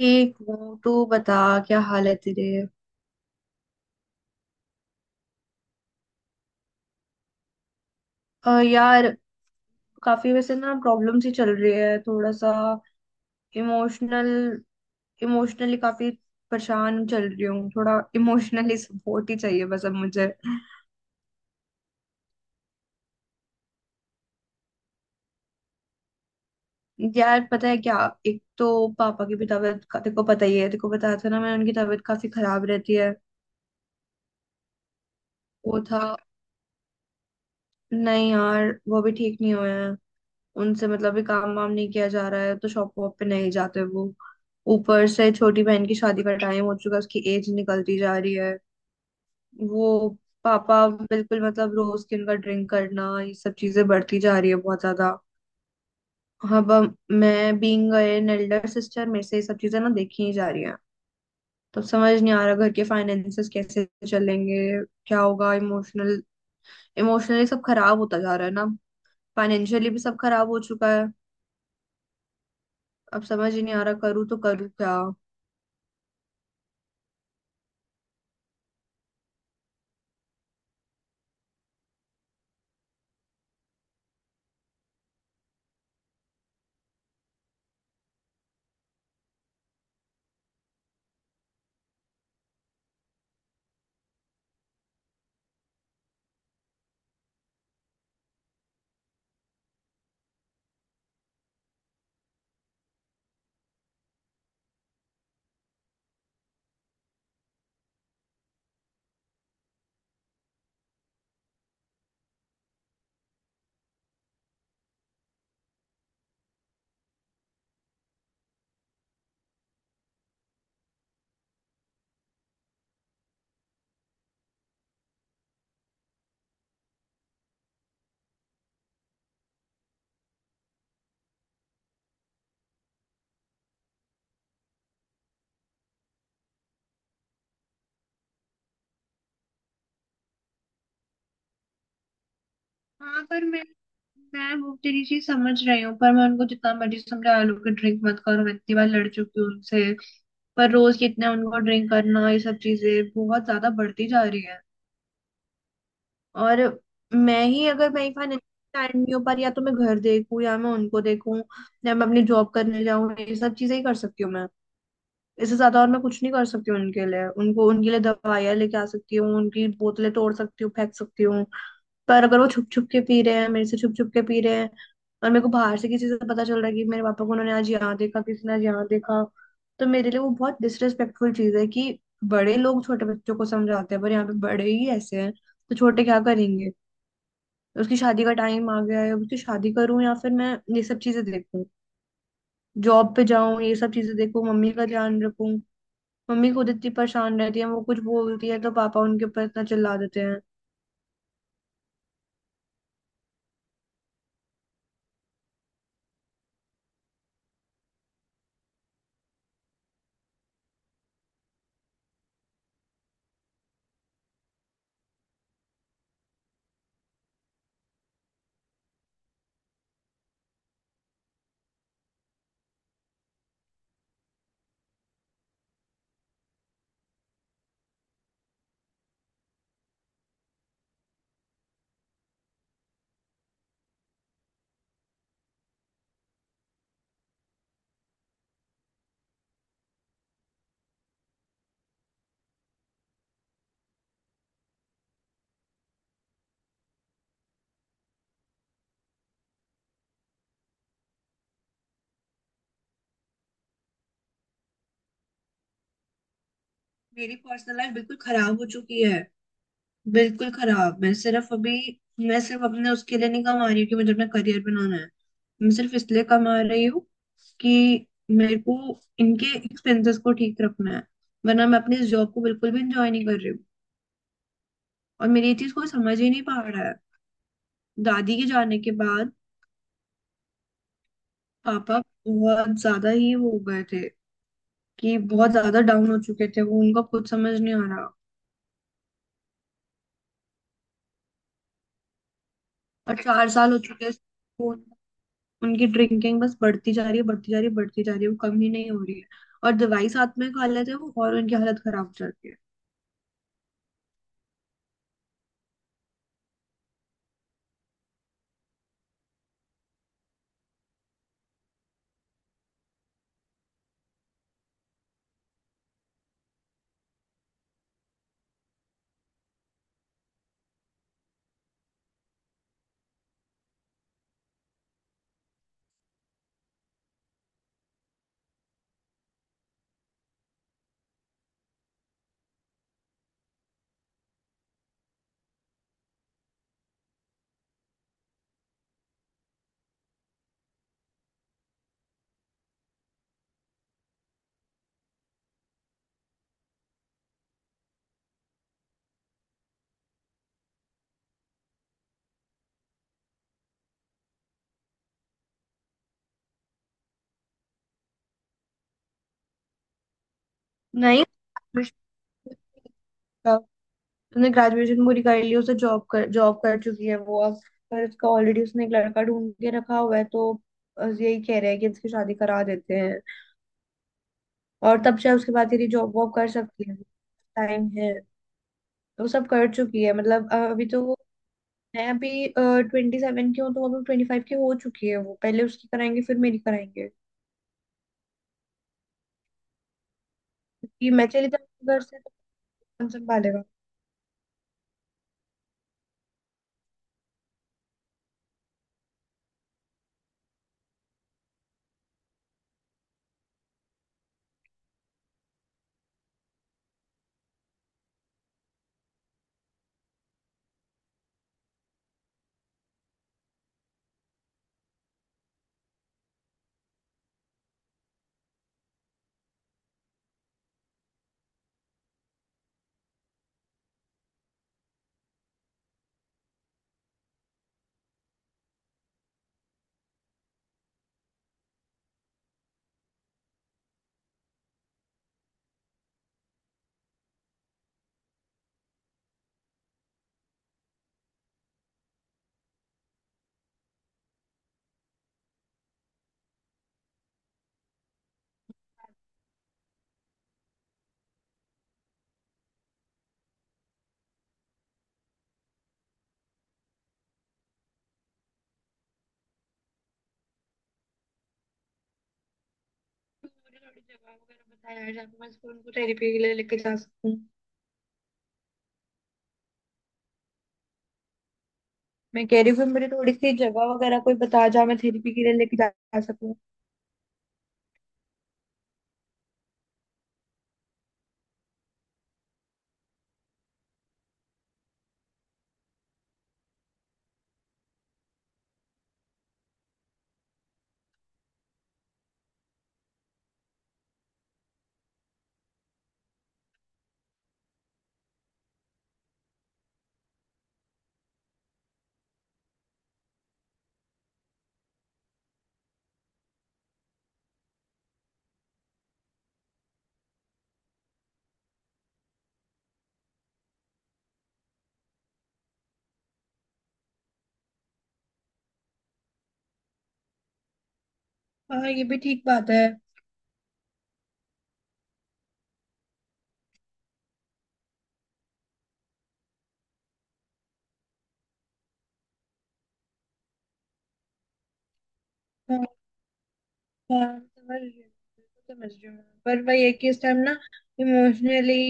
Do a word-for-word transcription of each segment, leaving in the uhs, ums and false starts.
ठीक हूँ तू बता। क्या हाल है तेरे। अ, यार काफी वैसे ना प्रॉब्लम्स ही चल रही है थोड़ा सा इमोशनल इमोशनली काफी परेशान चल रही हूँ थोड़ा इमोशनली सपोर्ट ही चाहिए बस अब मुझे। यार पता है क्या। एक तो पापा की भी तबीयत का- तेरे को पता ही है, तेरे को बताया था ना मैंने। उनकी तबीयत काफी खराब रहती है। वो था। नहीं यार, वो भी ठीक नहीं हुए हैं। उनसे मतलब भी काम वाम नहीं किया जा रहा है, तो शॉप वॉप पे नहीं जाते वो। ऊपर से छोटी बहन की शादी का टाइम हो चुका है, उसकी एज निकलती जा रही है। वो पापा बिल्कुल मतलब रोज की उनका ड्रिंक करना ये सब चीजें बढ़ती जा रही है बहुत ज्यादा। अब अब मैं बीइंग एन एल्डर सिस्टर मेरे से ये सब चीजें ना देखी ही जा रही हैं। तो समझ नहीं आ रहा घर के फाइनेंसेस कैसे चलेंगे, क्या होगा। इमोशनल इमोशनली सब खराब होता जा रहा है ना, फाइनेंशियली भी सब खराब हो चुका है। अब समझ ही नहीं आ रहा करूँ तो करूँ क्या। हाँ पर मैं मैं वो तेरी चीज समझ रही हूँ, पर मैं उनको जितना मर्जी समझा लो कि ड्रिंक मत करो, मैं इतनी बार लड़ चुकी हूँ उनसे। पर रोज कितना उनको ड्रिंक करना ये सब चीजें बहुत ज्यादा बढ़ती जा रही है। और मैं ही अगर, मेरी फाइनेंशियल टाइम नहीं हो पा रही, या तो मैं घर देखूँ या मैं उनको देखूँ या मैं अपनी जॉब करने जाऊँ, ये सब चीजें ही कर सकती हूँ मैं। इससे ज्यादा और मैं कुछ नहीं कर सकती हूँ उनके लिए। उनको उनके लिए दवाइयाँ लेके आ सकती हूँ, उनकी बोतलें तोड़ सकती हूँ, फेंक सकती हूँ। पर अगर वो छुप छुप के पी रहे हैं, मेरे से छुप छुप के पी रहे हैं, और मेरे को बाहर से किसी से पता चल रहा है कि मेरे पापा को उन्होंने आज यहाँ देखा, किसी ने आज यहाँ देखा, तो मेरे लिए वो बहुत डिसरेस्पेक्टफुल चीज है कि बड़े लोग छोटे बच्चों को समझाते हैं, पर यहाँ पे बड़े ही ऐसे हैं, तो छोटे क्या करेंगे। उसकी शादी का टाइम आ गया है, अब उसकी शादी करूं या फिर मैं ये सब चीजें देखूं, जॉब पे जाऊं, ये सब चीजें देखूं, मम्मी का ध्यान रखूं। मम्मी खुद इतनी परेशान रहती है, वो कुछ बोलती है तो पापा उनके ऊपर इतना चिल्ला देते हैं। मेरी पर्सनल लाइफ बिल्कुल खराब हो चुकी है। बिल्कुल खराब। मैं सिर्फ अभी मैं सिर्फ अपने उसके लिए नहीं कमा रही हूँ कि मुझे अपना करियर बनाना है। मैं सिर्फ इसलिए कमा रही हूँ कि मेरे को इनके एक्सपेंसेस को ठीक रखना है, वरना मैं अपने इस जॉब को बिल्कुल भी इंजॉय नहीं कर रही हूँ। और मेरी ये चीज कोई समझ ही नहीं पा रहा है। दादी के जाने के बाद पापा बहुत ज्यादा ही वो हो गए थे, कि बहुत ज्यादा डाउन हो चुके थे वो। उनका खुद समझ नहीं आ रहा। और चार साल हो चुके हैं। उनकी ड्रिंकिंग बस बढ़ती जा रही है, बढ़ती जा रही है, बढ़ती जा रही है, वो कम ही नहीं हो रही है। और दवाई साथ में खा लेते हैं वो, और उनकी हालत खराब हो जाती है। नहीं, उसने ग्रेजुएशन पूरी कर ली। उसे जॉब कर जॉब कर चुकी है वो अब। पर उसका ऑलरेडी उसने एक लड़का ढूंढ के रखा हुआ है, तो बस यही कह रहे हैं कि इसकी शादी करा देते हैं। और तब शायद उसके बाद यदि जॉब वॉब कर सकती है, टाइम है। तो सब कर चुकी है मतलब। अ, अभी तो वो है। अभी ट्वेंटी सेवन की हूँ, तो अभी ट्वेंटी फाइव की हो चुकी है वो। पहले उसकी कराएंगे, फिर मेरी कराएंगे। कि मैं चली जाऊंगी घर से तो कौन संभालेगा। मुझे थोड़ी जगह वगैरह बताया यार, जहाँ पे मैं इसको उनको थेरेपी के लिए लेके जा सकूँ। मैं कह रही हूँ कि मुझे थोड़ी सी जगह वगैरह कोई बता जहाँ मैं थेरेपी के लिए लेके जा, जा सकूँ। हाँ ये भी ठीक बात है। हाँ। हाँ, समझ रही हूँ। बिल्कुल समझ रही हूँ मैं। पर वही है कि इस टाइम ना इमोशनली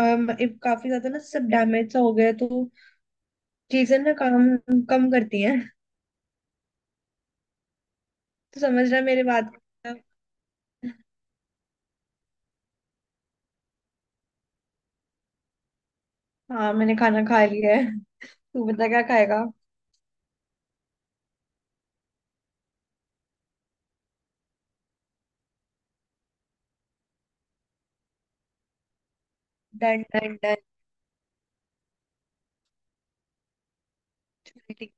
काफी ज्यादा ना सब डैमेज सा हो गया है, तो चीजें ना काम कम करती हैं। तो समझ रहा है मेरी बात को? हाँ मैंने खाना खा लिया है। तू बता क्या खाएगा। Done done done. ठीक है।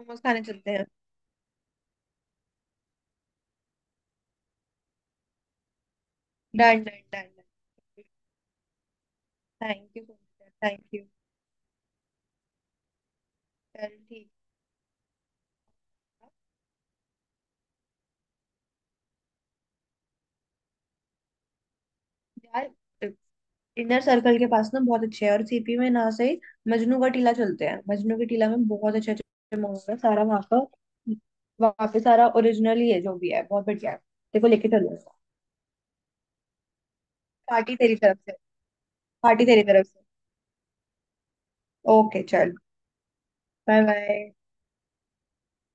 मोमोज खाने चलते हैं। Done done done done. Thank you so much, thank you. चल ठीक। है यार, इनर सर्कल के पास ना बहुत अच्छे है। और सी पी में ना से मजनू का टीला चलते हैं। मजनू के टीला में बहुत अच्छे अच्छे मोमोज है सारा वहाँ का। वहाँ पे सारा ओरिजिनल ही है जो भी है, बहुत बढ़िया है। देखो लेके चलो। पार्टी तेरी तरफ से। पार्टी तेरी तरफ से। ओके चल। Bye bye.